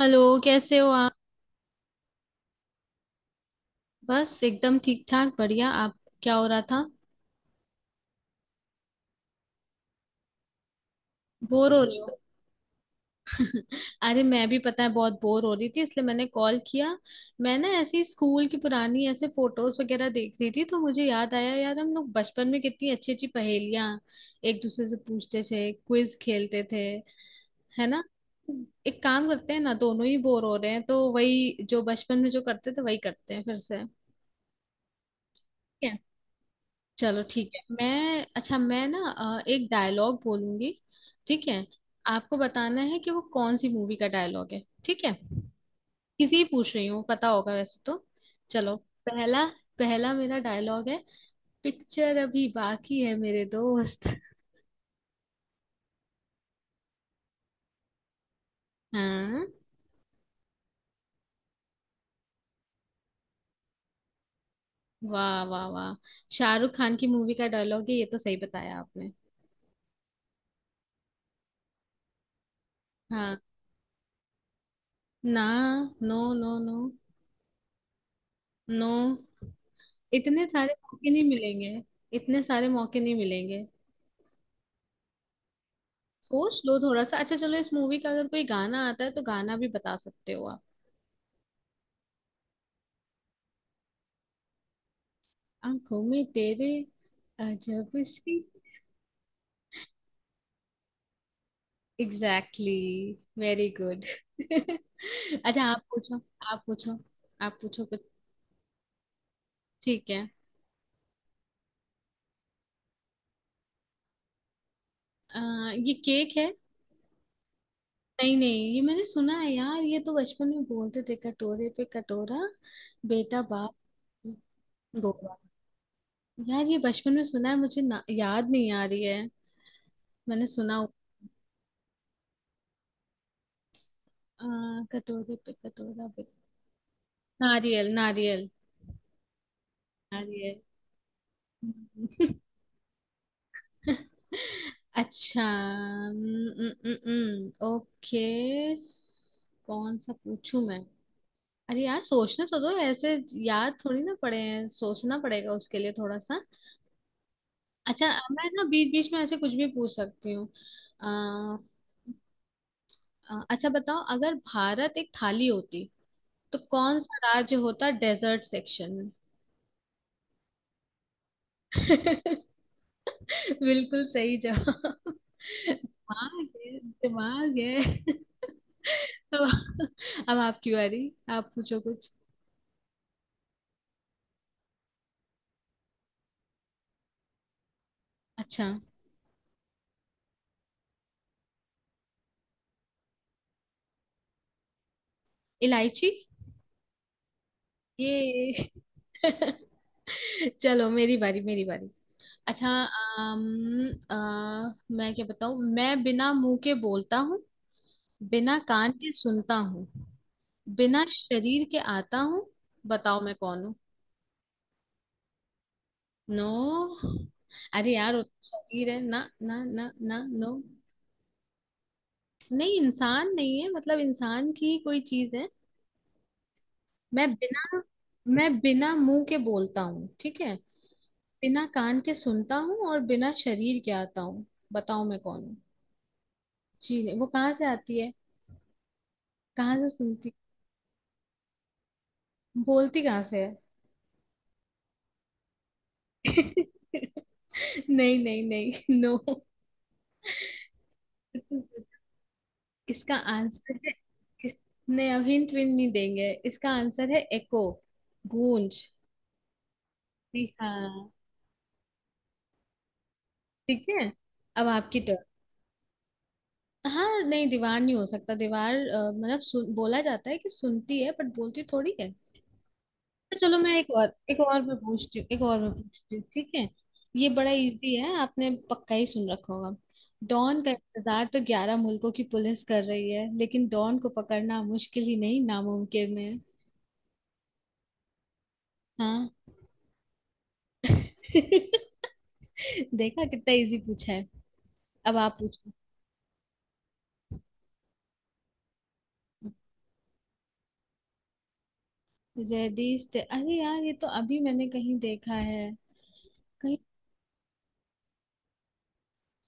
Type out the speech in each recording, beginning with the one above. Hello. कैसे हो आप? बस एकदम ठीक ठाक। बढ़िया। आप? क्या हो रहा था? बोर हो रही हो? अरे मैं भी, पता है, बहुत बोर हो रही थी इसलिए मैंने कॉल किया। मैं ना ऐसे ही स्कूल की पुरानी ऐसे फोटोज वगैरह देख रही थी, तो मुझे याद आया यार, हम लोग बचपन में कितनी अच्छी अच्छी पहेलियां एक दूसरे से पूछते थे, क्विज खेलते थे, है ना? एक काम करते हैं ना, दोनों ही बोर हो रहे हैं तो वही जो बचपन में जो करते थे वही करते हैं फिर से। चलो ठीक है। मैं, अच्छा, मैं ना एक डायलॉग बोलूंगी। ठीक है। आपको बताना है कि वो कौन सी मूवी का डायलॉग है। ठीक है? किसी ही पूछ रही हूँ, पता होगा वैसे तो। चलो। पहला। पहला मेरा डायलॉग है। पिक्चर अभी बाकी है मेरे दोस्त। हाँ। वाह वाह वाह। शाहरुख खान की मूवी का डायलॉग है ये, तो सही बताया आपने। हाँ। ना। No no no. नो। इतने सारे मौके नहीं मिलेंगे। इतने सारे मौके नहीं मिलेंगे। सोच लो थोड़ा सा। अच्छा चलो, इस मूवी का अगर कोई गाना आता है तो गाना भी बता सकते हो आप। आंखों में तेरे। अजब सी। एग्जैक्टली। Very good. अच्छा आप पूछो। आप पूछो। आप पूछो कुछ। ठीक है। अ, ये केक है? नहीं नहीं, ये मैंने सुना है यार, ये तो बचपन में बोलते थे, कटोरे पे कटोरा। बेटा बाप। की। गोरा। यार ये बचपन में सुना है मुझे ना, याद नहीं आ रही है। मैंने सुना हुआ-। आ, कटोरे पे कटोरा। नारियल नारियल। नारियल। अच्छा। ओके। कौन सा पूछूं मैं? अरे यार सोचने तो दो ऐसे। याद थोड़ी ना पड़े हैं, सोचना पड़ेगा उसके लिए थोड़ा सा। अच्छा मैं ना बीच बीच में ऐसे कुछ भी पूछ सकती हूँ। अ, अच्छा बताओ, अगर भारत एक थाली होती तो कौन सा राज्य होता, डेजर्ट सेक्शन में? बिल्कुल सही जवाब। दिमाग है, दिमाग है। तो अब आपकी बारी। आप पूछो कुछ। अच्छा। इलायची। ये। चलो मेरी बारी, मेरी बारी। अच्छा मैं क्या बताऊं? मैं बिना मुंह के बोलता हूँ। बिना कान के सुनता हूँ। बिना शरीर के आता हूँ। बताओ मैं कौन हूँ? नो। अरे यार उतना शरीर है, ना ना ना ना, नो। नहीं, इंसान नहीं है, मतलब इंसान की ही कोई चीज है। मैं बिना मैं बिना मुंह के बोलता हूँ, ठीक है? बिना कान के सुनता हूँ और बिना शरीर के आता हूँ। बताओ मैं कौन हूँ? जी नहीं, वो कहाँ से आती है? कहाँ से सुनती? बोलती कहाँ से है? नहीं नहीं नहीं। नो। इसका आंसर है। इसने अब हिंट भी नहीं देंगे, इसका आंसर है एको। गूंज। जी हाँ। ठीक है। अब आपकी टर्न। हाँ नहीं, दीवार नहीं हो सकता। दीवार मतलब सुन, बोला जाता है कि सुनती है, बट बोलती थोड़ी है। तो चलो मैं एक और, एक और मैं पूछती हूँ, एक और मैं पूछती हूँ, ठीक है? ये बड़ा इजी है, आपने पक्का ही सुन रखा होगा। डॉन का इंतजार तो 11 मुल्कों की पुलिस कर रही है, लेकिन डॉन को पकड़ना मुश्किल ही नहीं, नामुमकिन है। हाँ। देखा कितना इजी पूछा है। अब आप पूछो। रेडिश ते-, अरे यार, ये तो अभी मैंने कहीं देखा है। कहीं।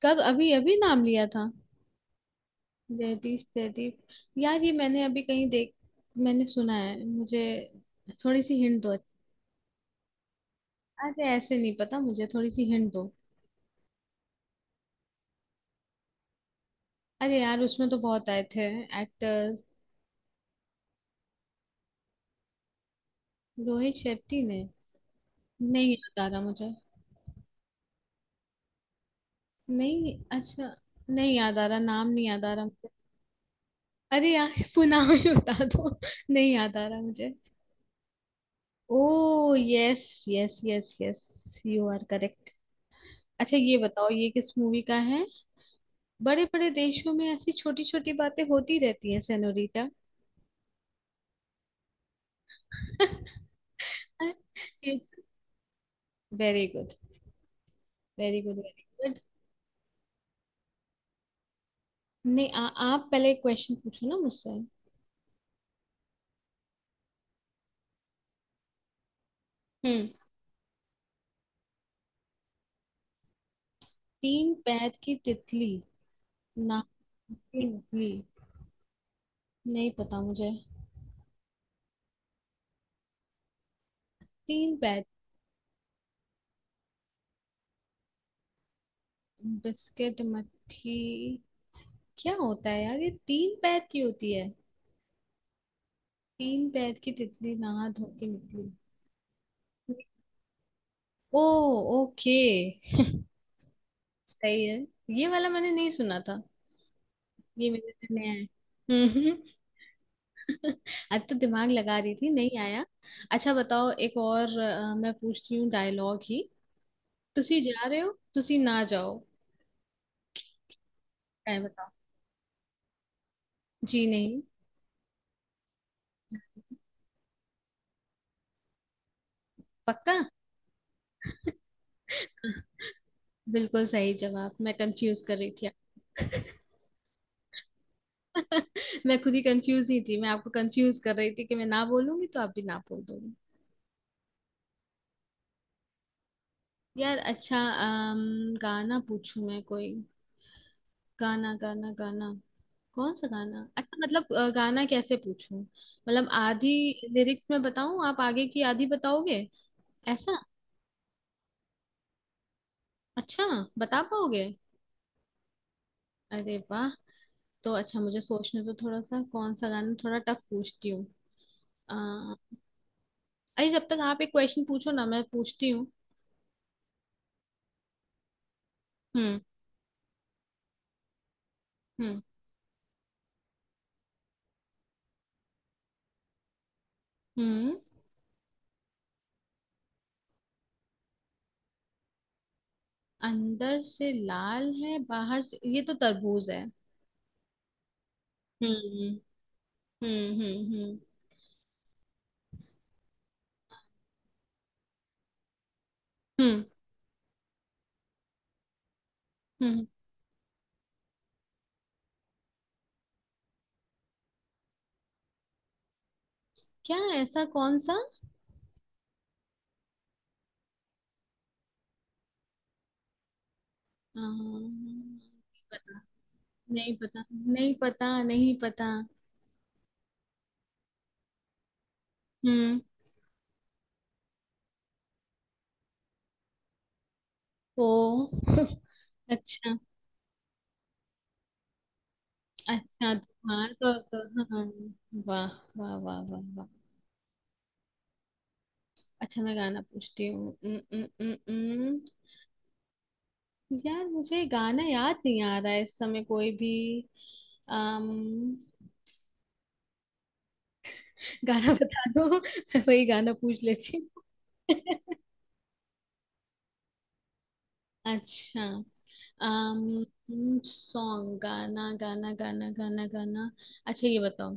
कब? अभी अभी नाम लिया था? Reddish ready. यार ये मैंने अभी कहीं देख। मैंने सुना है मुझे। थोड़ी सी हिंट दो। अरे ऐसे नहीं पता मुझे, थोड़ी सी हिंट दो। अरे यार उसमें तो बहुत आए थे। एक्टर्स। रोहित शेट्टी ने? नहीं याद आ रहा मुझे। नहीं, अच्छा। नहीं याद आ रहा, नाम नहीं याद आ रहा। अरे यार पुनाव ही बता दो। नहीं याद आ रहा मुझे। Oh, yes yes yes yes, you are correct. अच्छा ये बताओ, ये किस मूवी का है? बड़े बड़े देशों में ऐसी छोटी छोटी बातें होती रहती हैं senorita. Very good, very good, very good. नहीं, आप पहले एक क्वेश्चन पूछो ना मुझसे। हम्म। तीन पैर की तितली। नाक की नकली। नहीं पता मुझे। तीन पैर। बिस्किट मट्ठी। क्या होता है यार, ये तीन पैर की होती है? तीन पैर की तितली नहा धो के निकली। ओ। ओके। सही है। ये वाला मैंने नहीं सुना था। ये मेरे लिए नया है। हम्म, आज तो दिमाग लगा रही थी, नहीं आया। अच्छा बताओ, एक और मैं पूछती हूँ डायलॉग ही। तुसी जा रहे हो, तुसी ना जाओ। क्या बताओ? जी नहीं। पक्का? बिल्कुल सही जवाब, मैं कंफ्यूज कर रही थी। मैं खुद ही कंफ्यूज ही थी, मैं आपको कंफ्यूज कर रही थी कि मैं ना बोलूंगी तो आप भी ना बोल दोगे। यार अच्छा। गाना पूछूं मैं कोई? गाना गाना गाना। कौन सा गाना? अच्छा मतलब गाना कैसे पूछूं, मतलब आधी लिरिक्स में बताऊं, आप आगे की आधी बताओगे? ऐसा। अच्छा। बता पाओगे? अरे वाह। तो अच्छा, मुझे सोचने तो, थोड़ा सा कौन सा गाना, थोड़ा टफ पूछती हूँ। अ, अरे जब तक आप एक क्वेश्चन पूछो ना, मैं पूछती हूँ। हम्म। हम्म, हम्म। अंदर से लाल है, बाहर से, ये तो तरबूज है। हम्म, हम्म, हम्म। हम्म, हम्म, हम्म। क्या, ऐसा कौन सा। नहीं पता। नहीं पता, नहीं पता, नहीं पता। हम्म। ओ। अच्छा। अच्छा। हाँ तो हाँ। वाह। वाह वाह वाह वाह अच्छा मैं गाना पूछती हूँ। यार मुझे गाना याद नहीं आ रहा है इस समय कोई भी। अम गाना बता दो। मैं वही गाना पूछ लेती हूँ। अच्छा। सॉन्ग, गाना गाना गाना गाना गाना। अच्छा ये बताओ।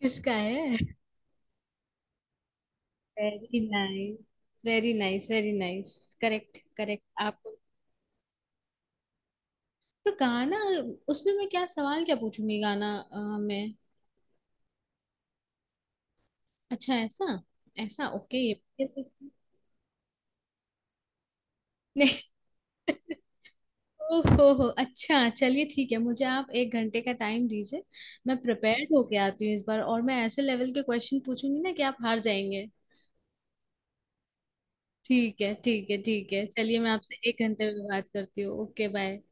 किसका है? Very nice. Very nice, very nice. Correct, correct. आपको तो गाना, उसमें मैं क्या सवाल क्या पूछूंगी? गाना में। अच्छा ऐसा। ऐसा, ओके, ये। नहीं। ओहो हो, अच्छा चलिए ठीक है, मुझे आप एक घंटे का टाइम दीजिए। मैं प्रिपेयर्ड होके आती हूँ इस बार, और मैं ऐसे लेवल के क्वेश्चन पूछूंगी ना कि आप हार जाएंगे। ठीक है, ठीक है, ठीक है। चलिए, मैं आपसे एक घंटे में बात करती हूँ। Okay, bye.